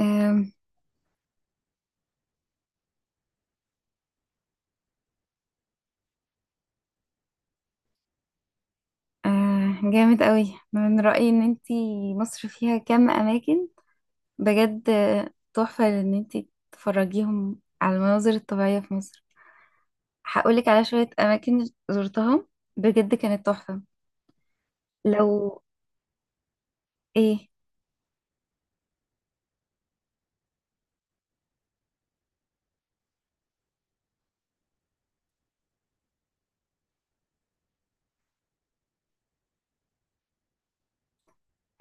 آم، آه، جامد قوي، من رأيي ان انتي مصر فيها كم اماكن بجد، تحفة. ان انتي تفرجيهم على المناظر الطبيعية في مصر، هقولك على شوية اماكن زرتها بجد كانت تحفة. لو ايه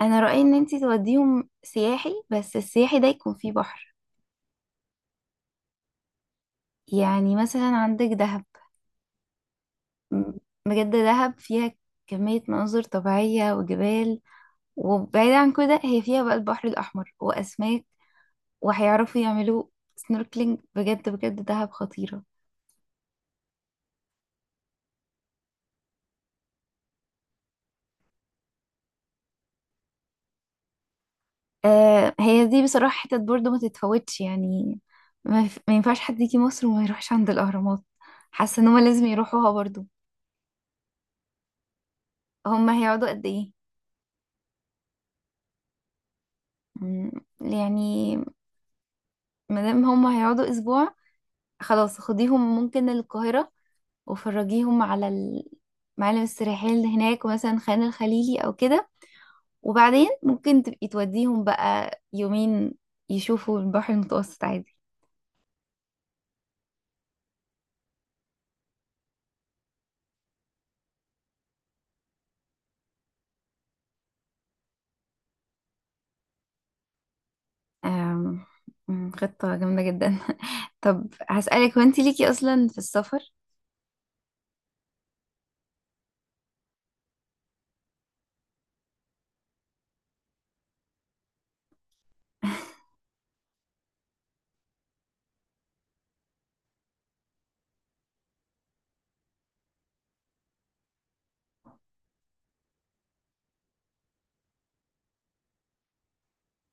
انا رأيي ان انتي توديهم سياحي، بس السياحي ده يكون فيه بحر. يعني مثلا عندك دهب. م- بجد دهب فيها كمية مناظر طبيعية وجبال، وبعيد عن كده هي فيها بقى البحر الأحمر وأسماك، وهيعرفوا يعملوا سنوركلينج. بجد بجد دهب خطيرة. آه، هي دي بصراحة حتت برضو ما تتفوتش يعني. ما ينفعش حد يجي مصر وما يروحش عند الأهرامات، حاسة ان هما لازم يروحوها برضو. هما هيقعدوا قد ايه؟ مم، يعني مادام هما هيقعدوا اسبوع، خلاص خديهم ممكن القاهرة وفرجيهم على المعالم السياحية اللي هناك، ومثلا خان الخليلي او كده. وبعدين ممكن تبقي توديهم بقى يومين يشوفوا البحر المتوسط عادي. آم، أمم، خطة جامدة جدا. طب هسألك، هو انت ليكي أصلا في السفر؟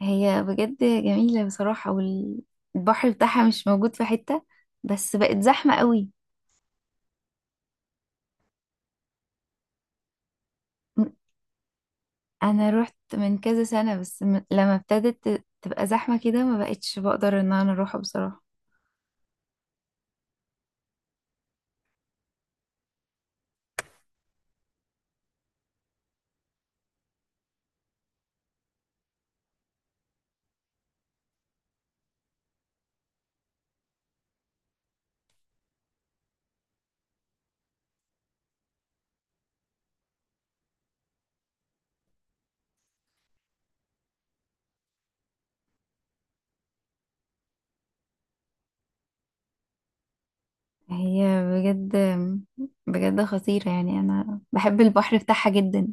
هي بجد جميلة بصراحة، والبحر بتاعها مش موجود في حتة، بس بقت زحمة قوي. أنا روحت من كذا سنة، بس لما ابتدت تبقى زحمة كده ما بقتش بقدر إن أنا أروحها بصراحة. هي بجد بجد خطيرة يعني، أنا بحب البحر بتاعها جدا.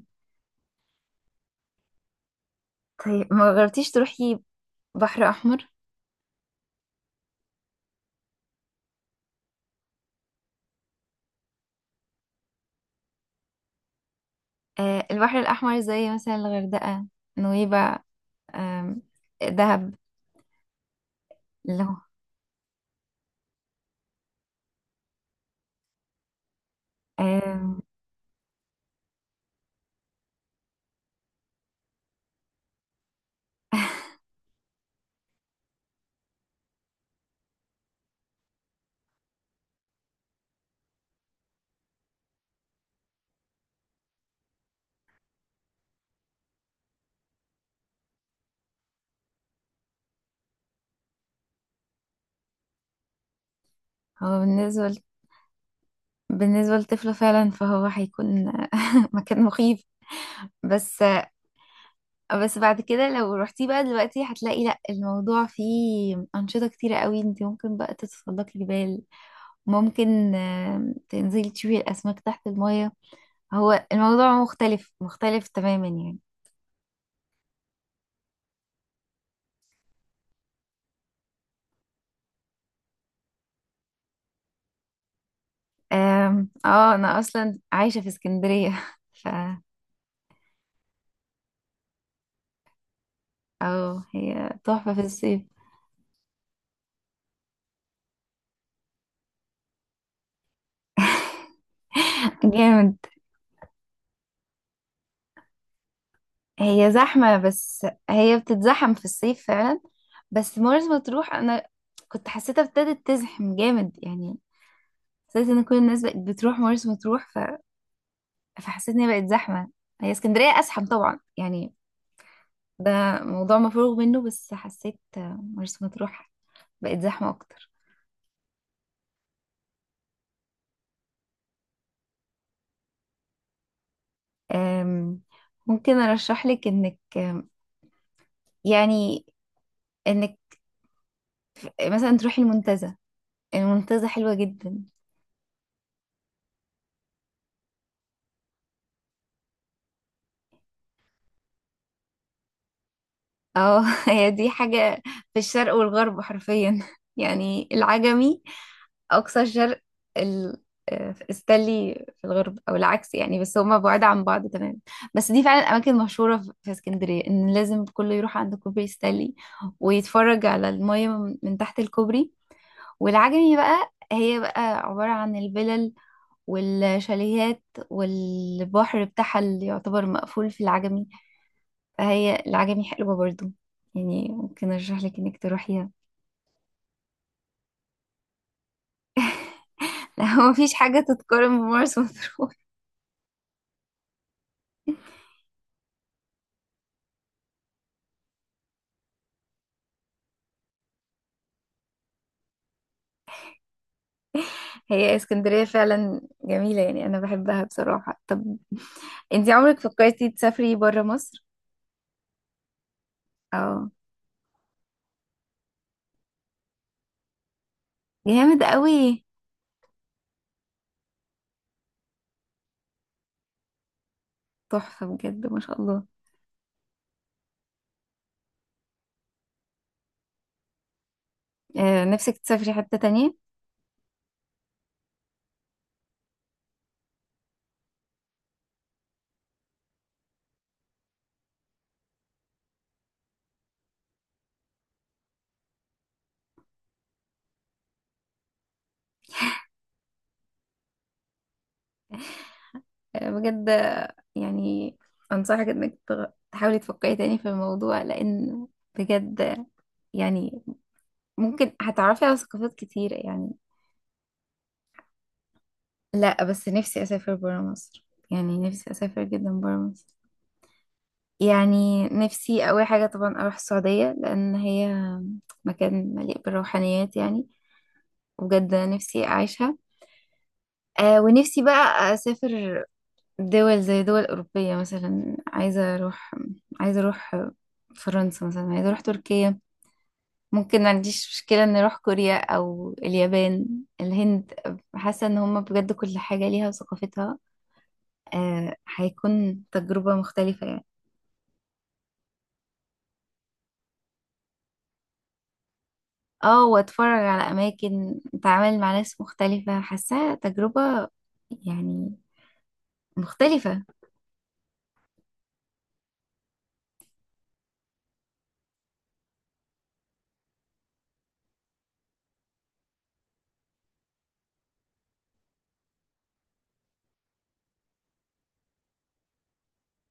طيب ما جربتيش تروحي بحر أحمر؟ آه، البحر الأحمر زي مثلا الغردقة، نويبع، آم، دهب. اللي هو آم، هو بالنسبة لطفله فعلا، فهو هيكون مكان مخيف. بس بس بعد كده لو رحتي بقى دلوقتي هتلاقي لا، الموضوع فيه أنشطة كتيرة قوي. انت ممكن بقى تتسلقي جبال، ممكن تنزلي تشوفي الأسماك تحت المية. هو الموضوع مختلف تماما يعني. اه انا اصلا عايشة في اسكندرية ف اه هي تحفة في الصيف. جامد. هي زحمة، بس هي بتتزحم في الصيف فعلا. بس مرسى مطروح أنا كنت حسيتها ابتدت تزحم جامد يعني، حسيت إن كل الناس بقت بتروح مرسى مطروح ف... فحسيت إن هي بقت زحمة. هي اسكندرية أزحم طبعا يعني، ده موضوع مفروغ منه، بس حسيت مرسى مطروح بقت زحمة أكتر. أم، ممكن أرشح لك إنك، أم، يعني إنك مثلا تروحي المنتزه. المنتزه حلوة جدا. اه هي دي حاجة في الشرق والغرب حرفيا. يعني العجمي أقصى الشرق ال... آه، استانلي في الغرب، أو العكس يعني، بس هما بعاد عن بعض تمام. بس دي فعلا أماكن مشهورة في اسكندرية، إن لازم كله يروح عند كوبري ستانلي ويتفرج على المية من تحت الكوبري. والعجمي بقى هي بقى عبارة عن الفلل والشاليهات، والبحر بتاعها اللي يعتبر مقفول في العجمي. فهي العجمي حلوة برضو، يعني ممكن ارشح لك انك تروحيها. لا، هو مفيش حاجة تتقارن بمرسى مطروح. هي اسكندرية فعلا جميلة يعني، انا بحبها بصراحة. طب انتي عمرك فكرتي تسافري برا مصر؟ اه جامد قوي، تحفة بجد ما شاء الله. آه نفسك تسافري حتة تانية؟ آه بجد آه، يعني انصحك انك تحاولي تفكري تاني في الموضوع، لان بجد، يعني ممكن هتعرفي على ثقافات كتيرة يعني. لا، بس نفسي اسافر برا مصر، يعني نفسي اسافر جدا برا مصر. يعني نفسي اول حاجه طبعا اروح السعوديه، لان هي مكان مليء بالروحانيات يعني، بجد نفسي اعيشها. آه ونفسي بقى اسافر دول زي دول اوروبيه. مثلا عايزه اروح، عايزه اروح فرنسا، مثلا عايزه اروح تركيا. ممكن ما عنديش مشكله ان اروح كوريا او اليابان، الهند. حاسه ان هم بجد كل حاجه ليها وثقافتها، آه هيكون تجربة مختلفة يعني. اه، واتفرج على اماكن، اتعامل مع ناس مختلفة، حاساها تجربة يعني مختلفة.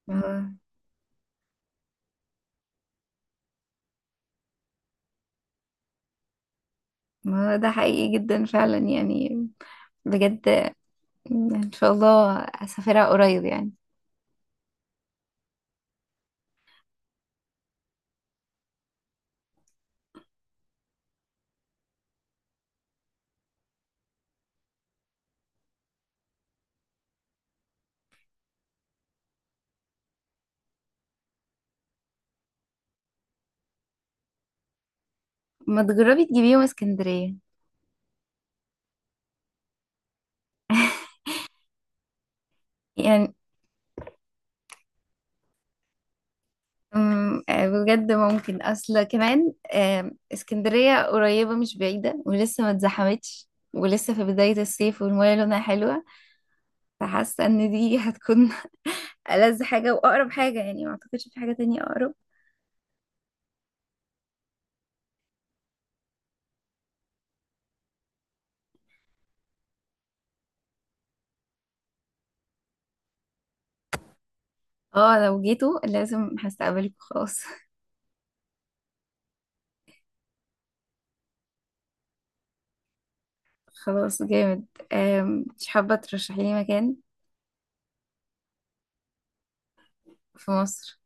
ما هو ما هو ده حقيقي جدا فعلا يعني، بجد يعني. ان شاء الله اسافرها قريب يعني. ما تجربي تجيبيهم اسكندرية؟ يعني أم، آه، بجد ممكن، اصل كمان اسكندرية قريبة مش بعيدة، ولسه ما اتزحمتش، ولسه في بداية الصيف، والمية لونها حلوة. فحاسة ان دي هتكون ألذ حاجة وأقرب حاجة يعني، ما اعتقدش في حاجة تانية أقرب. اه لو جيتوا لازم هستقبلكوا، خلاص. خلاص جامد. مش حابة ترشحي لي مكان في مصر؟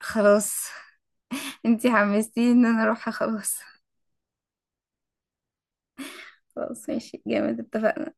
خلاص. انتي حمستيني ان انا اروحها، خلاص. خلاص ماشي جامد، اتفقنا.